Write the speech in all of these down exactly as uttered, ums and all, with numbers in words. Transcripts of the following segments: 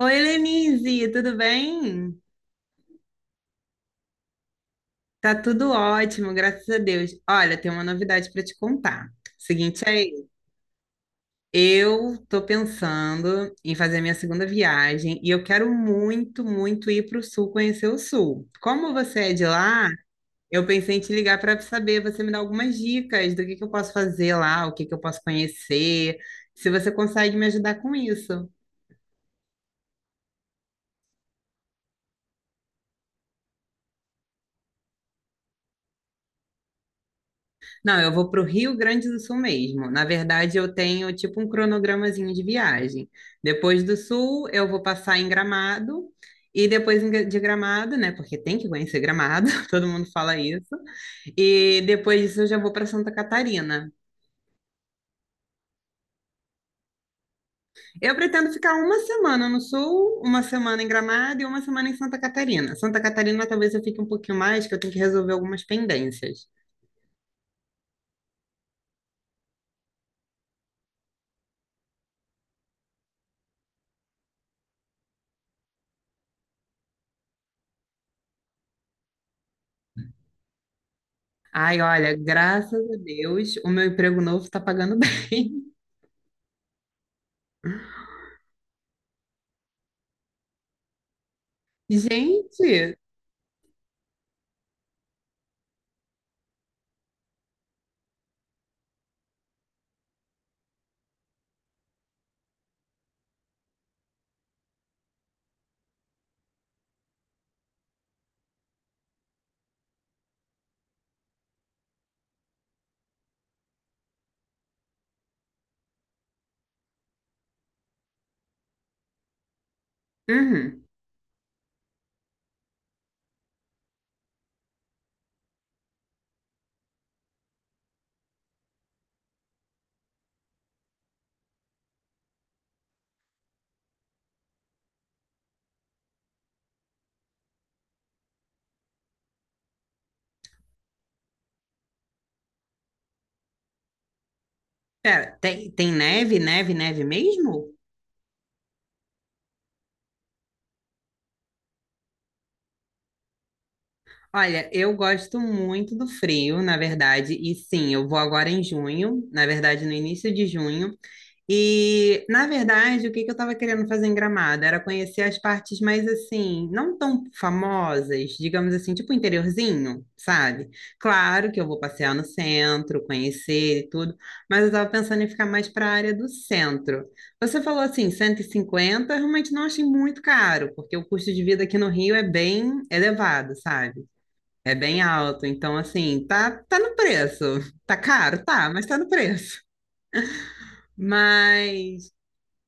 Oi, Lenise, tudo bem? Tá tudo ótimo, graças a Deus. Olha, tem uma novidade para te contar. Seguinte aí, eu tô pensando em fazer minha segunda viagem e eu quero muito, muito ir para o sul, conhecer o sul. Como você é de lá, eu pensei em te ligar para saber, você me dá algumas dicas do que que eu posso fazer lá, o que que eu posso conhecer, se você consegue me ajudar com isso. Não, eu vou para o Rio Grande do Sul mesmo. Na verdade, eu tenho tipo um cronogramazinho de viagem. Depois do Sul, eu vou passar em Gramado. E depois em Gra- de Gramado, né? Porque tem que conhecer Gramado, todo mundo fala isso. E depois disso, eu já vou para Santa Catarina. Eu pretendo ficar uma semana no sul, uma semana em Gramado e uma semana em Santa Catarina. Santa Catarina talvez eu fique um pouquinho mais, que eu tenho que resolver algumas pendências. Ai, olha, graças a Deus, o meu emprego novo está pagando bem. Gente, uhum. Pera, tem, tem neve, neve, neve mesmo? Olha, eu gosto muito do frio, na verdade, e sim, eu vou agora em junho, na verdade, no início de junho. E, na verdade, o que que eu estava querendo fazer em Gramado era conhecer as partes mais assim, não tão famosas, digamos assim, tipo interiorzinho, sabe? Claro que eu vou passear no centro, conhecer e tudo, mas eu estava pensando em ficar mais para a área do centro. Você falou assim, cento e cinquenta, eu realmente não achei muito caro, porque o custo de vida aqui no Rio é bem elevado, sabe? É bem alto, então assim, tá, tá no preço. Tá caro, tá, mas tá no preço. Mas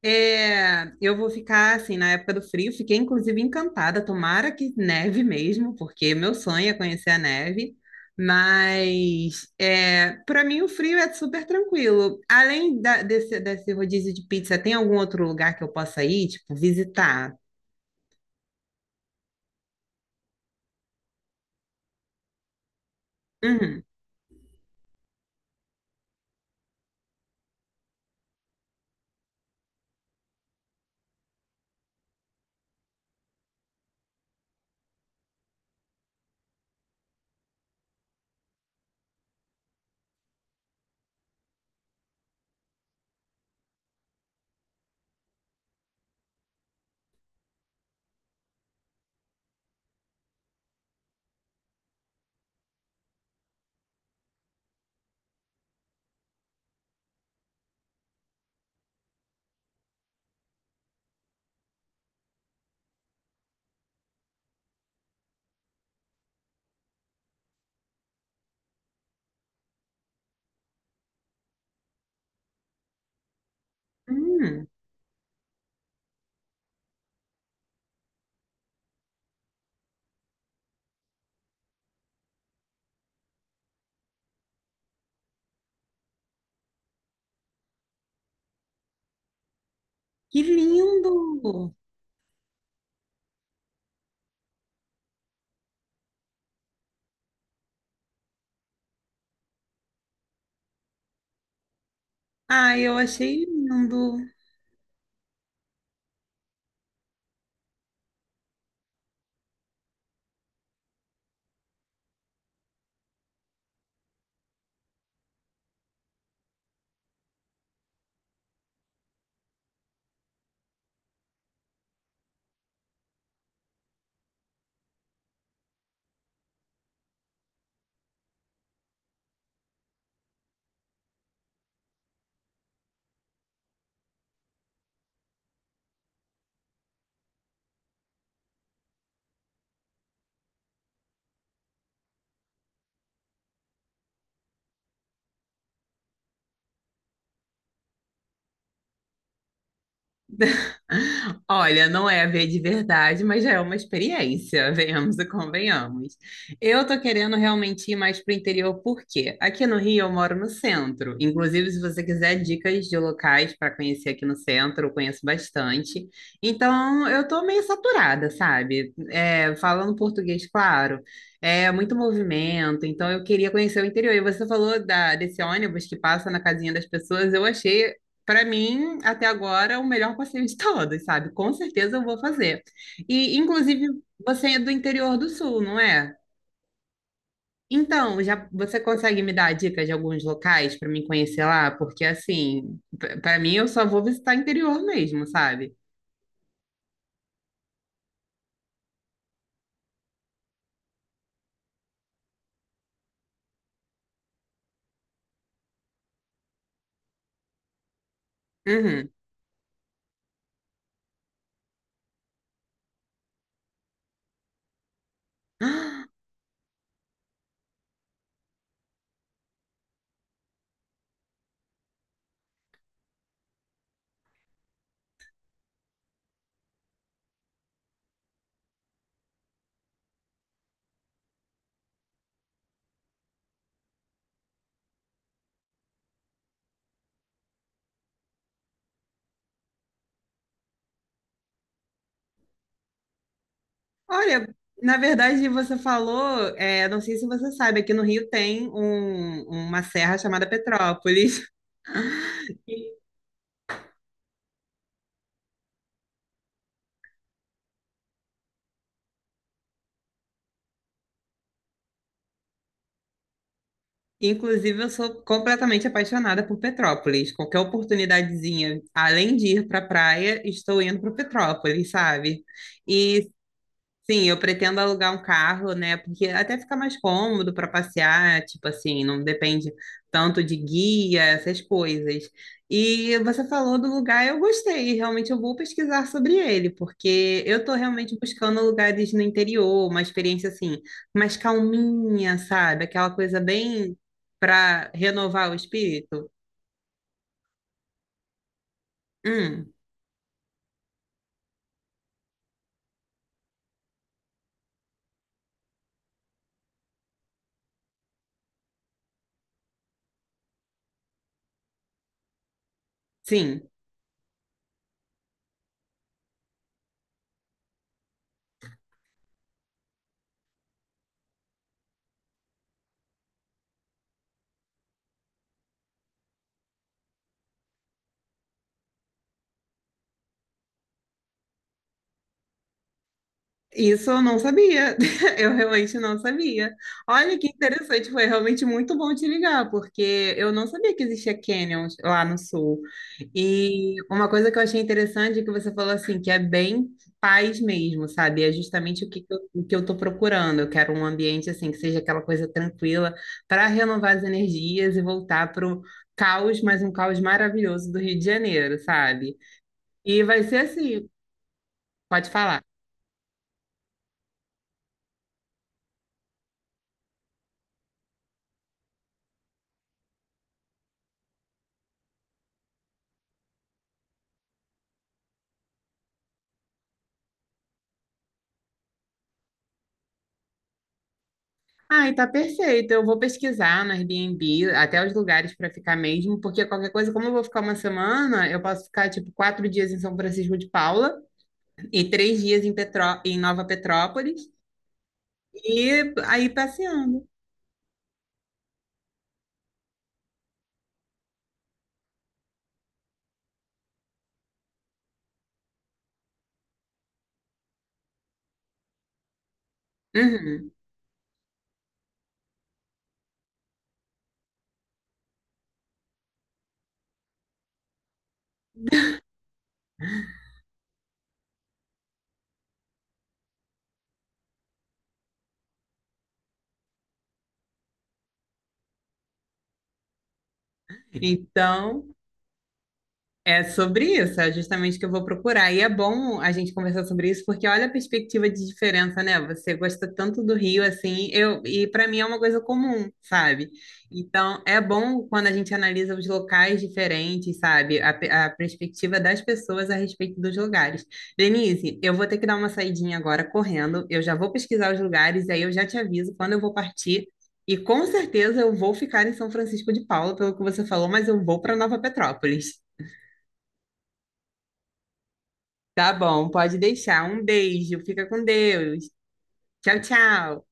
é, eu vou ficar assim na época do frio, fiquei inclusive encantada, tomara que neve mesmo, porque meu sonho é conhecer a neve. Mas é, para mim o frio é super tranquilo. Além da- desse, desse rodízio de pizza, tem algum outro lugar que eu possa ir, tipo, visitar? Uhum. Hum, que lindo! Ah, eu achei lindo. Olha, não é ver de verdade, mas já é uma experiência, venhamos e convenhamos. Eu tô querendo realmente ir mais pro interior, por quê? Aqui no Rio eu moro no centro. Inclusive, se você quiser dicas de locais para conhecer aqui no centro, eu conheço bastante. Então, eu tô meio saturada, sabe? É, falando português, claro. É muito movimento, então eu queria conhecer o interior. E você falou da, desse ônibus que passa na casinha das pessoas, eu achei para mim, até agora, o melhor passeio de todos, sabe? Com certeza eu vou fazer. E, inclusive, você é do interior do sul, não é? Então, já você consegue me dar dicas de alguns locais para mim conhecer lá? Porque, assim, para mim, eu só vou visitar interior mesmo, sabe? Uhum. Ah, olha, na verdade, você falou, é, não sei se você sabe, aqui no Rio tem um- uma serra chamada Petrópolis. Inclusive, eu sou completamente apaixonada por Petrópolis. Qualquer oportunidadezinha, além de ir para a praia, estou indo para Petrópolis, sabe? E sim, eu pretendo alugar um carro, né? Porque até fica mais cômodo para passear, tipo assim, não depende tanto de guia, essas coisas. E você falou do lugar, eu gostei. Realmente eu vou pesquisar sobre ele, porque eu tô realmente buscando lugares no interior, uma experiência assim, mais calminha, sabe? Aquela coisa bem para renovar o espírito. Hum, sim. Isso eu não sabia, eu realmente não sabia. Olha que interessante, foi realmente muito bom te ligar, porque eu não sabia que existia canyons lá no sul. E uma coisa que eu achei interessante é que você falou assim, que é bem paz mesmo, sabe? É justamente o que que eu, o que eu tô procurando. Eu quero um ambiente assim, que seja aquela coisa tranquila para renovar as energias e voltar para o caos, mas um caos maravilhoso do Rio de Janeiro, sabe? E vai ser assim, pode falar. Ai, tá perfeito. Eu vou pesquisar no Airbnb até os lugares para ficar mesmo, porque qualquer coisa, como eu vou ficar uma semana, eu posso ficar tipo quatro dias em São Francisco de Paula e três dias em, Petró em Nova Petrópolis e aí passeando. Uhum. Então, é sobre isso, é justamente o que eu vou procurar. E é bom a gente conversar sobre isso, porque olha a perspectiva de diferença, né? Você gosta tanto do Rio assim, eu e para mim é uma coisa comum, sabe? Então é bom quando a gente analisa os locais diferentes, sabe? A, pe- a perspectiva das pessoas a respeito dos lugares. Denise, eu vou ter que dar uma saidinha agora correndo. Eu já vou pesquisar os lugares e aí eu já te aviso quando eu vou partir. E com certeza eu vou ficar em São Francisco de Paula, pelo que você falou, mas eu vou para Nova Petrópolis. Tá bom, pode deixar. Um beijo, fica com Deus. Tchau, tchau.